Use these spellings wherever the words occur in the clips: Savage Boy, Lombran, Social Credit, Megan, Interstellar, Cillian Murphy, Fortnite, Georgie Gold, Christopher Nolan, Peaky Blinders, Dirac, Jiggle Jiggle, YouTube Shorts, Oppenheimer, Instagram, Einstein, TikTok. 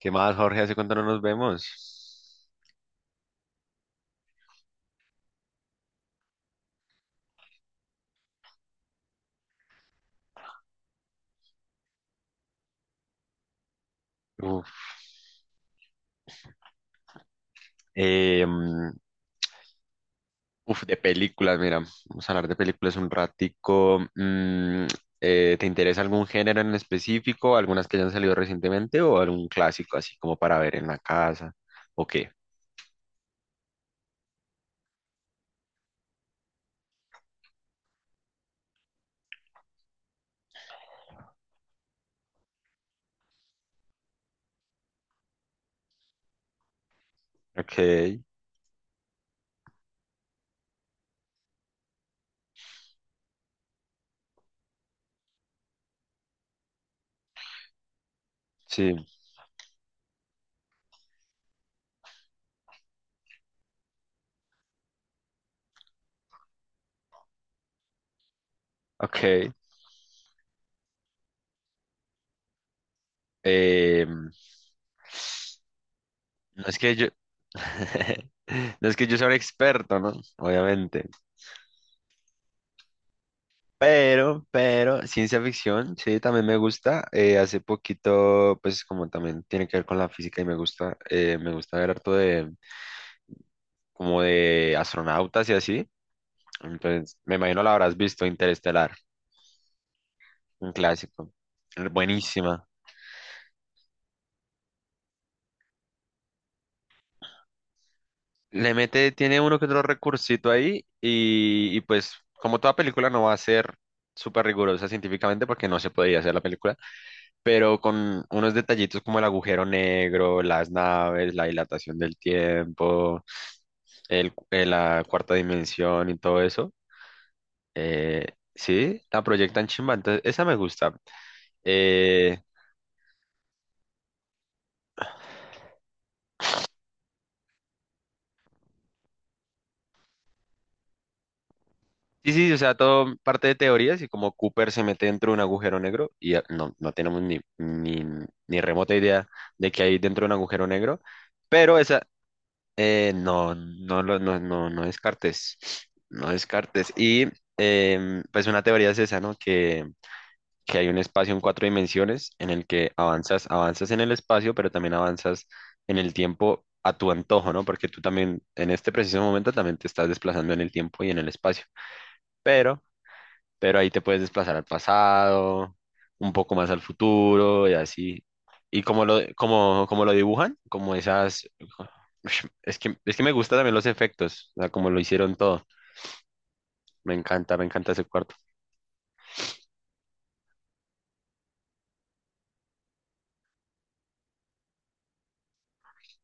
¿Qué más, Jorge? ¿Hace cuánto no nos vemos? Uf, eh, mm, de películas, mira, vamos a hablar de películas un ratico. ¿Te interesa algún género en específico? ¿Algunas que hayan salido recientemente o algún clásico así como para ver en la casa? ¿O qué? Ok, sí, ok. No es que no es que yo sea un experto, ¿no? Obviamente. Pero ciencia ficción, sí, también me gusta. Hace poquito, pues como también tiene que ver con la física y me gusta, me gusta ver harto de como de astronautas y así. Entonces, me imagino la habrás visto, Interestelar, un clásico. Buenísima. Le mete, tiene uno que otro recursito ahí y pues como toda película no va a ser súper rigurosa científicamente porque no se podía hacer la película, pero con unos detallitos como el agujero negro, las naves, la dilatación del tiempo, la cuarta dimensión y todo eso. eh, sí, la proyectan chimba, entonces esa me gusta. Eh, sí, sí, o sea, todo parte de teorías y como Cooper se mete dentro de un agujero negro y no, no tenemos ni remota idea de que hay dentro de un agujero negro. Pero esa... No, no, no descartes, no descartes. Pues una teoría es esa, ¿no? Que hay un espacio en cuatro dimensiones en el que avanzas en el espacio, pero también avanzas en el tiempo a tu antojo, ¿no? Porque tú también en este preciso momento también te estás desplazando en el tiempo y en el espacio. Pero pero ahí te puedes desplazar al pasado, un poco más al futuro y así. Y como como lo dibujan, como esas... Ush, es que me gustan también los efectos, o sea, como lo hicieron todo. Me encanta ese cuarto.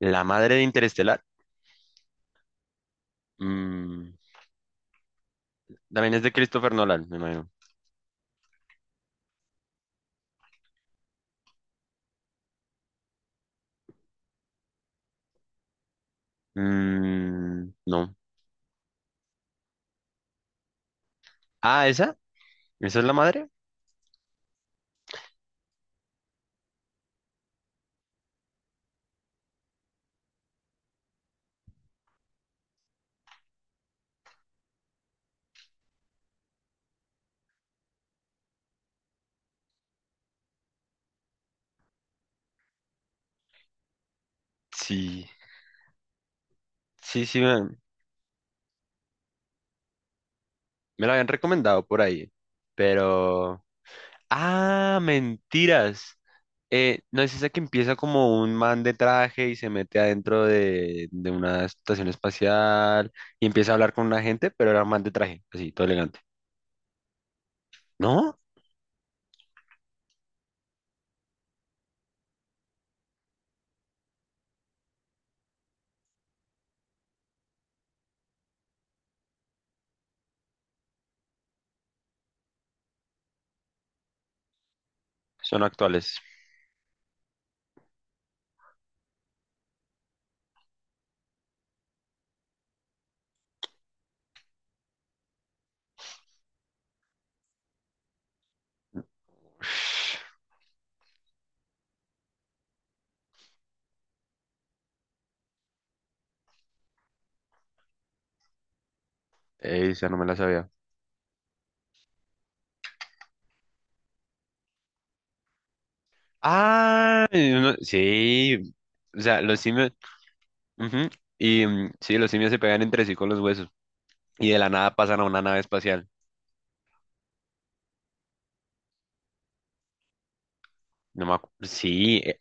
La madre de Interestelar, mm, también es de Christopher Nolan, me imagino. Mm, no. Ah, ¿esa? ¿Esa es la madre? Sí, sí, sí, me la habían recomendado por ahí, pero... Ah, mentiras. No, es esa que empieza como un man de traje y se mete adentro de una estación espacial y empieza a hablar con una gente, pero era un man de traje, así, todo elegante. ¿No? Son actuales. Esa no me la sabía. Ah, y sí. O sea, los simios. Ujú. Y sí, los simios se pegan entre sí con los huesos. Y de la nada pasan a una nave espacial. No me acuerdo. Sí.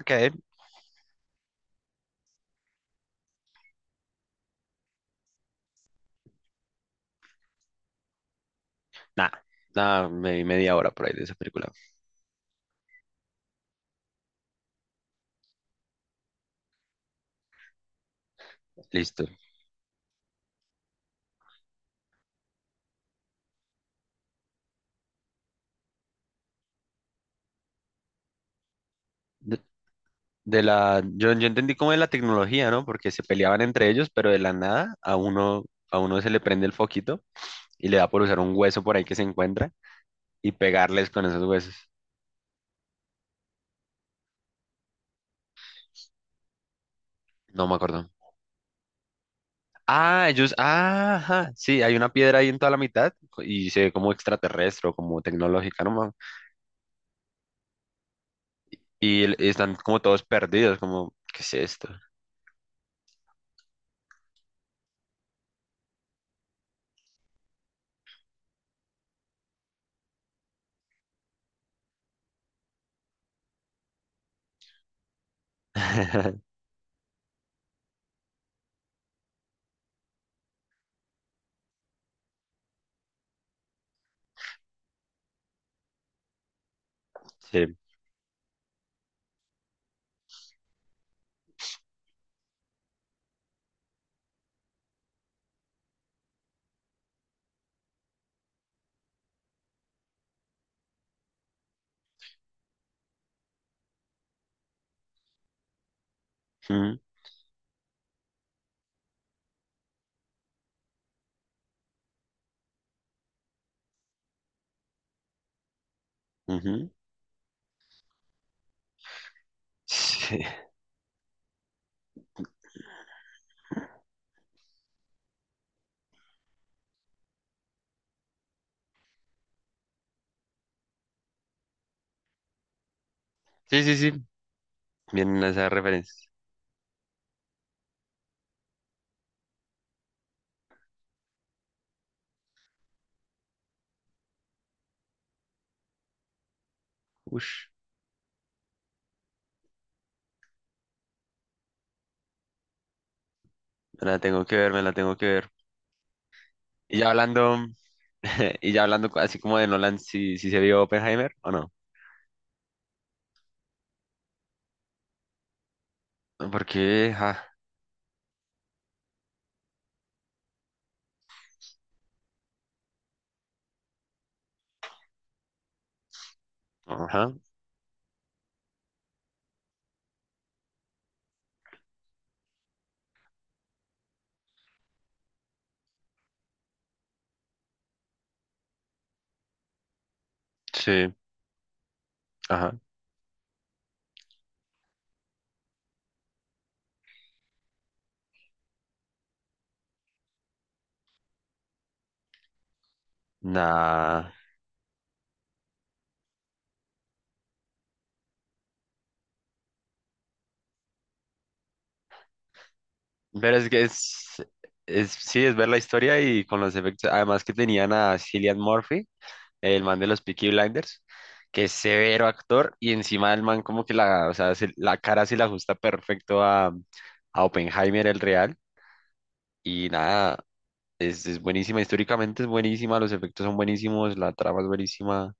Ok. Nada. Nada, me vi media hora por ahí de esa película. Listo. De la... Yo entendí como de la tecnología, ¿no? Porque se peleaban entre ellos, pero de la nada a a uno se le prende el foquito y le da por usar un hueso por ahí que se encuentra y pegarles con esos huesos. No me acuerdo. Ah, ajá, sí, hay una piedra ahí en toda la mitad y se ve como extraterrestre o como tecnológica, ¿no, man? Y el... están como todos perdidos, como, ¿qué es esto? Sí. Mm, ujú. Sí, sí, sí, sí. Vienen esas referencias. Ush, me la tengo que ver, me la tengo que ver. Y ya hablando, y ya hablando así como de Nolan, si si se vio Oppenheimer o no. No. Porque, ah, ajá, sí, ajá, nada. Pero es que es, Sí, es ver la historia y con los efectos. Además que tenían a Cillian Murphy, el man de los Peaky Blinders, que es severo actor y encima el man como que la, o sea, se- la cara se la ajusta perfecto a Oppenheimer, el real. Y nada, es buenísima, históricamente es buenísima, los efectos son buenísimos, la trama es buenísima.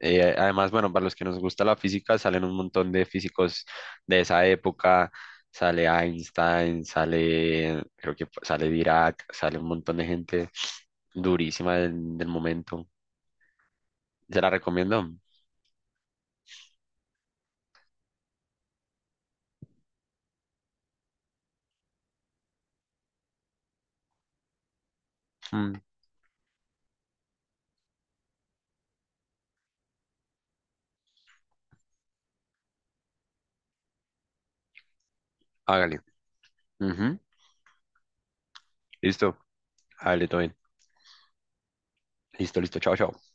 Además, bueno, para los que nos gusta la física, salen un montón de físicos de esa época. Sale Einstein, sale, creo que sale Dirac, sale un montón de gente durísima del momento. ¿Se la recomiendo? Mm, hágale. Ujú, listo. Hágale, todo bien. Listo, listo. Chao, chao.